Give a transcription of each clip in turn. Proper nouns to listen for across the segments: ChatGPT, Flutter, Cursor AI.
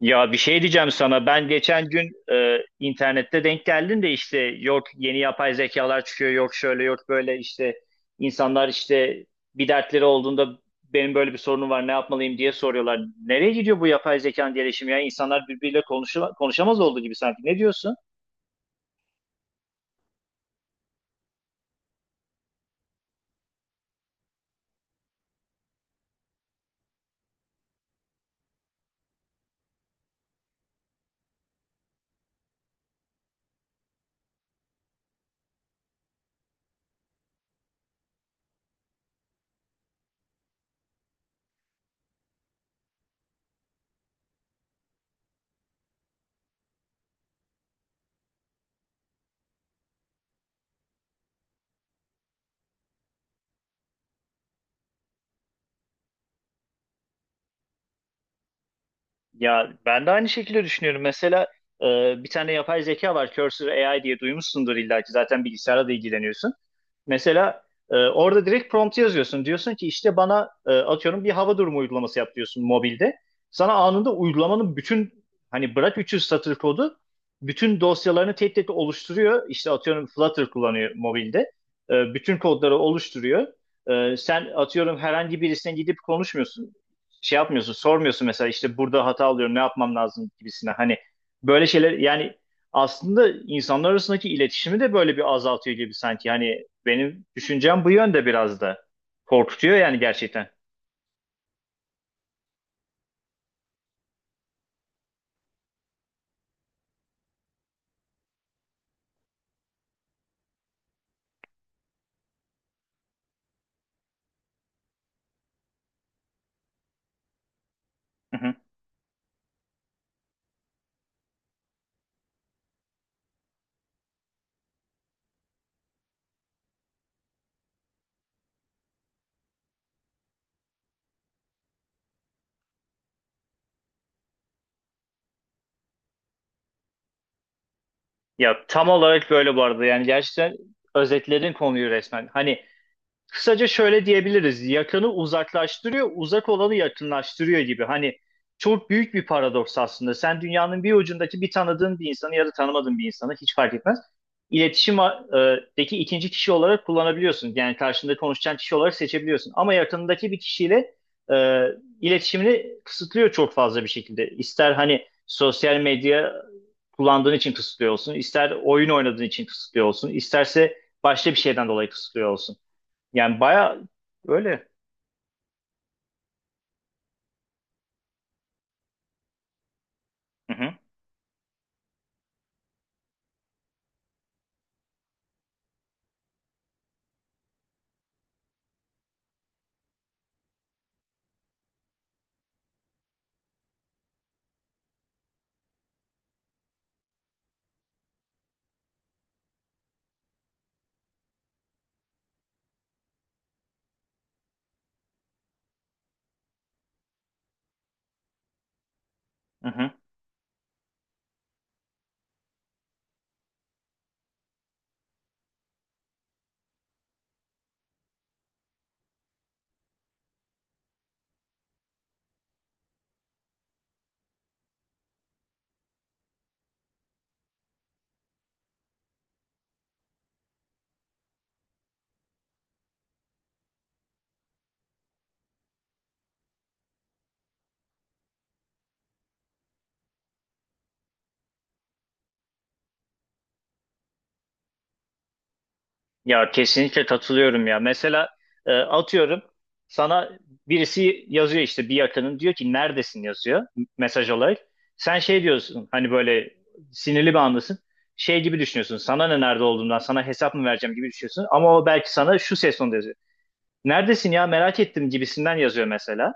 Ya bir şey diyeceğim sana. Ben geçen gün internette denk geldim de işte yok yeni yapay zekalar çıkıyor, yok şöyle yok böyle işte insanlar işte bir dertleri olduğunda benim böyle bir sorunum var ne yapmalıyım diye soruyorlar. Nereye gidiyor bu yapay zekanın gelişimi ya? İnsanlar birbiriyle konuşamaz olduğu gibi sanki. Ne diyorsun? Ya ben de aynı şekilde düşünüyorum. Mesela e, bir tane yapay zeka var, Cursor AI diye duymuşsundur illa ki zaten bilgisayarla da ilgileniyorsun. Mesela orada direkt prompt yazıyorsun. Diyorsun ki işte bana atıyorum bir hava durumu uygulaması yap diyorsun mobilde. Sana anında uygulamanın bütün, hani bırak 300 satır kodu, bütün dosyalarını tek tek oluşturuyor. İşte atıyorum Flutter kullanıyor mobilde. Bütün kodları oluşturuyor. Sen atıyorum herhangi birisine gidip konuşmuyorsun, şey yapmıyorsun, sormuyorsun mesela işte burada hata alıyorum, ne yapmam lazım gibisine. Hani böyle şeyler yani aslında insanlar arasındaki iletişimi de böyle bir azaltıyor gibi sanki. Hani benim düşüncem bu yönde, biraz da korkutuyor yani gerçekten. Hı hı. Ya tam olarak böyle bu arada, yani gerçekten özetledin konuyu resmen. Hani kısaca şöyle diyebiliriz. Yakını uzaklaştırıyor, uzak olanı yakınlaştırıyor gibi. Hani çok büyük bir paradoks aslında. Sen dünyanın bir ucundaki bir tanıdığın bir insanı ya da tanımadığın bir insanı hiç fark etmez, İletişimdeki ikinci kişi olarak kullanabiliyorsun. Yani karşında konuşacağın kişi olarak seçebiliyorsun. Ama yakınındaki bir kişiyle e, iletişimini kısıtlıyor çok fazla bir şekilde. İster hani sosyal medya kullandığın için kısıtlıyor olsun, ister oyun oynadığın için kısıtlıyor olsun, isterse başka bir şeyden dolayı kısıtlıyor olsun. Yani baya öyle. Hı hı, hı hı. Ya kesinlikle katılıyorum ya. Mesela atıyorum sana birisi yazıyor işte bir yakının, diyor ki neredesin yazıyor mesaj olarak. Sen şey diyorsun, hani böyle sinirli bir andasın. Şey gibi düşünüyorsun, sana ne nerede olduğundan, sana hesap mı vereceğim gibi düşünüyorsun. Ama o belki sana şu ses tonunda yazıyor. Neredesin ya, merak ettim gibisinden yazıyor mesela.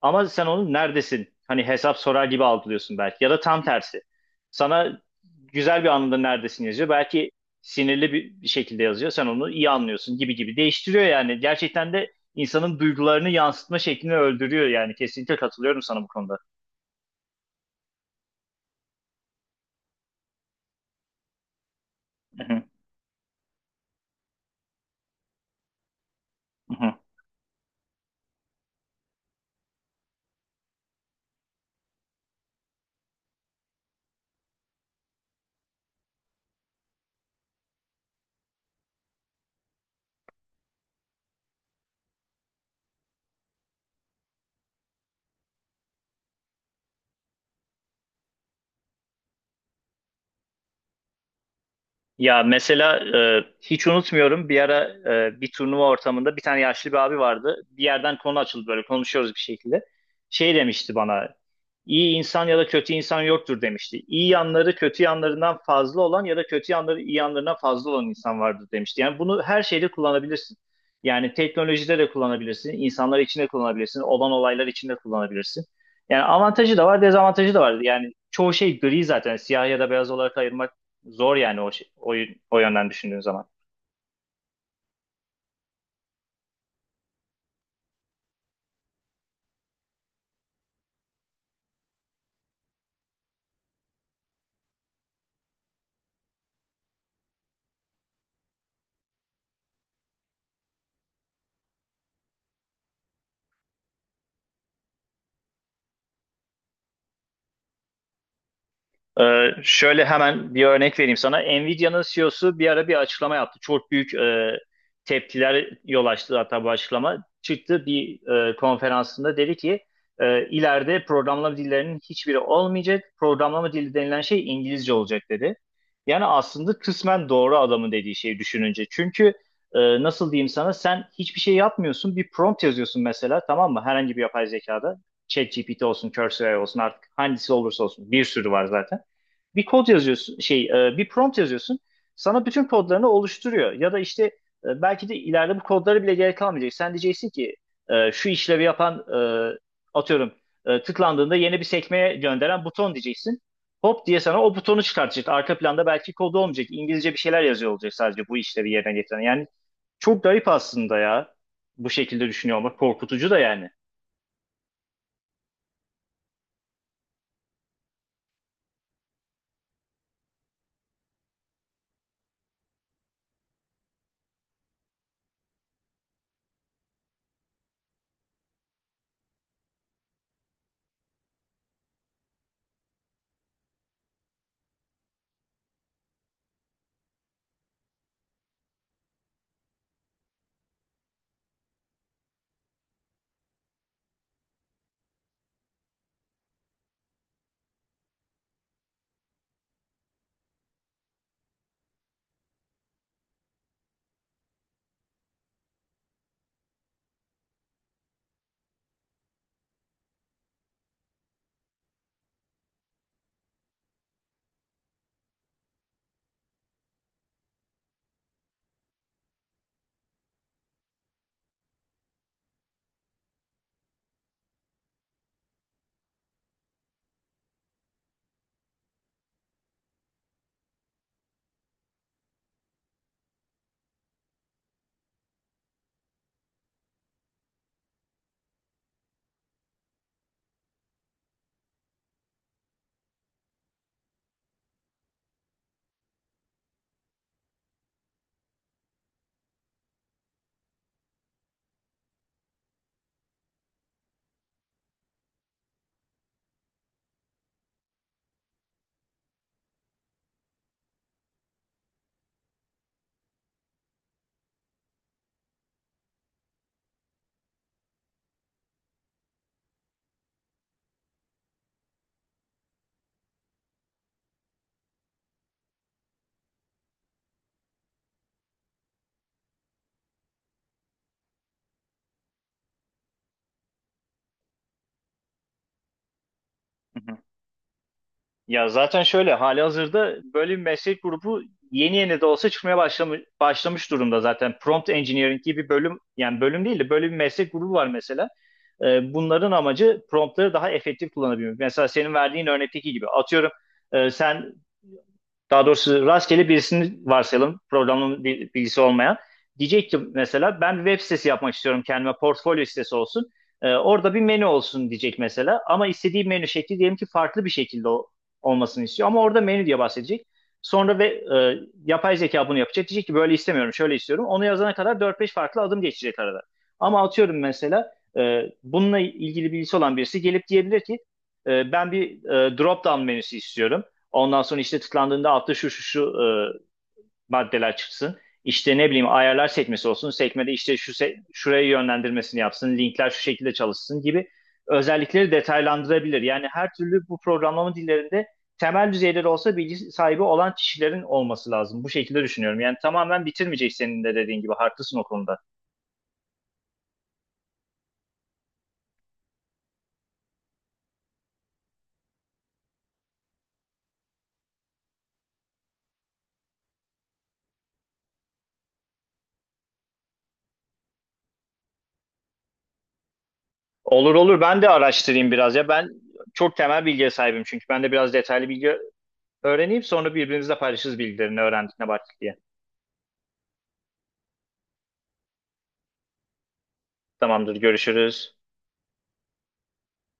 Ama sen onu neredesin, hani hesap sorar gibi algılıyorsun belki. Ya da tam tersi. Sana güzel bir anında neredesin yazıyor. Belki sinirli bir şekilde yazıyor. Sen onu iyi anlıyorsun gibi gibi. Değiştiriyor yani. Gerçekten de insanın duygularını yansıtma şeklini öldürüyor yani. Kesinlikle katılıyorum sana bu konuda. Hı hı, hı hı. Ya mesela hiç unutmuyorum bir ara bir turnuva ortamında bir tane yaşlı bir abi vardı. Bir yerden konu açıldı, böyle konuşuyoruz bir şekilde. Şey demişti bana, iyi insan ya da kötü insan yoktur demişti. İyi yanları kötü yanlarından fazla olan ya da kötü yanları iyi yanlarından fazla olan insan vardır demişti. Yani bunu her şeyde kullanabilirsin. Yani teknolojide de kullanabilirsin, insanlar için de kullanabilirsin, olan olaylar için de kullanabilirsin. Yani avantajı da var, dezavantajı da var. Yani çoğu şey gri zaten, siyah ya da beyaz olarak ayırmak zor yani o yönden düşündüğün zaman. Şöyle hemen bir örnek vereyim sana. Nvidia'nın CEO'su bir ara bir açıklama yaptı. Çok büyük tepkiler yol açtı hatta bu açıklama. Çıktı bir konferansında dedi ki ileride programlama dillerinin hiçbiri olmayacak. Programlama dili denilen şey İngilizce olacak dedi. Yani aslında kısmen doğru adamın dediği şeyi düşününce. Çünkü nasıl diyeyim sana, sen hiçbir şey yapmıyorsun. Bir prompt yazıyorsun mesela, tamam mı? Herhangi bir yapay zekada. ChatGPT olsun, Cursor olsun, artık hangisi olursa olsun bir sürü var zaten, bir kod yazıyorsun, bir prompt yazıyorsun, sana bütün kodlarını oluşturuyor. Ya da işte belki de ileride bu kodlara bile gerek kalmayacak. Sen diyeceksin ki şu işlevi yapan, e, atıyorum, tıklandığında yeni bir sekmeye gönderen buton diyeceksin, hop diye sana o butonu çıkartacak, arka planda belki kodu olmayacak, İngilizce bir şeyler yazıyor olacak sadece bu işlevi yerine getiren. Yani çok garip aslında ya, bu şekilde düşünüyor olmak korkutucu da yani. Ya zaten şöyle halihazırda böyle bir meslek grubu yeni yeni de olsa çıkmaya başlamış durumda zaten. Prompt Engineering gibi bir bölüm, yani bölüm değil de böyle bir meslek grubu var mesela. Bunların amacı promptları daha efektif kullanabilmek. Mesela senin verdiğin örnekteki gibi atıyorum sen, daha doğrusu rastgele birisini varsayalım. Programlama bilgisi olmayan. Diyecek ki mesela ben bir web sitesi yapmak istiyorum kendime. Portfolyo sitesi olsun. Orada bir menü olsun diyecek mesela. Ama istediği menü şekli diyelim ki farklı bir şekilde olmasını istiyor. Ama orada menü diye bahsedecek. Sonra ve yapay zeka bunu yapacak. Diyecek ki böyle istemiyorum, şöyle istiyorum. Onu yazana kadar dört beş farklı adım geçecek arada. Ama atıyorum mesela bununla ilgili bilgisi olan birisi gelip diyebilir ki ben bir drop down menüsü istiyorum. Ondan sonra işte tıklandığında altta şu şu şu e, maddeler çıksın. İşte ne bileyim ayarlar sekmesi olsun. Sekmede işte şuraya yönlendirmesini yapsın. Linkler şu şekilde çalışsın gibi özellikleri detaylandırabilir. Yani her türlü bu programlama dillerinde temel düzeyleri olsa bilgi sahibi olan kişilerin olması lazım. Bu şekilde düşünüyorum. Yani tamamen bitirmeyecek senin de dediğin gibi. Haklısın o konuda. Olur olur, ben de araştırayım biraz ya. Ben çok temel bilgiye sahibim çünkü. Ben de biraz detaylı bilgi öğreneyim. Sonra birbirimizle paylaşırız bilgilerini, öğrendik ne baktık diye. Tamamdır, görüşürüz.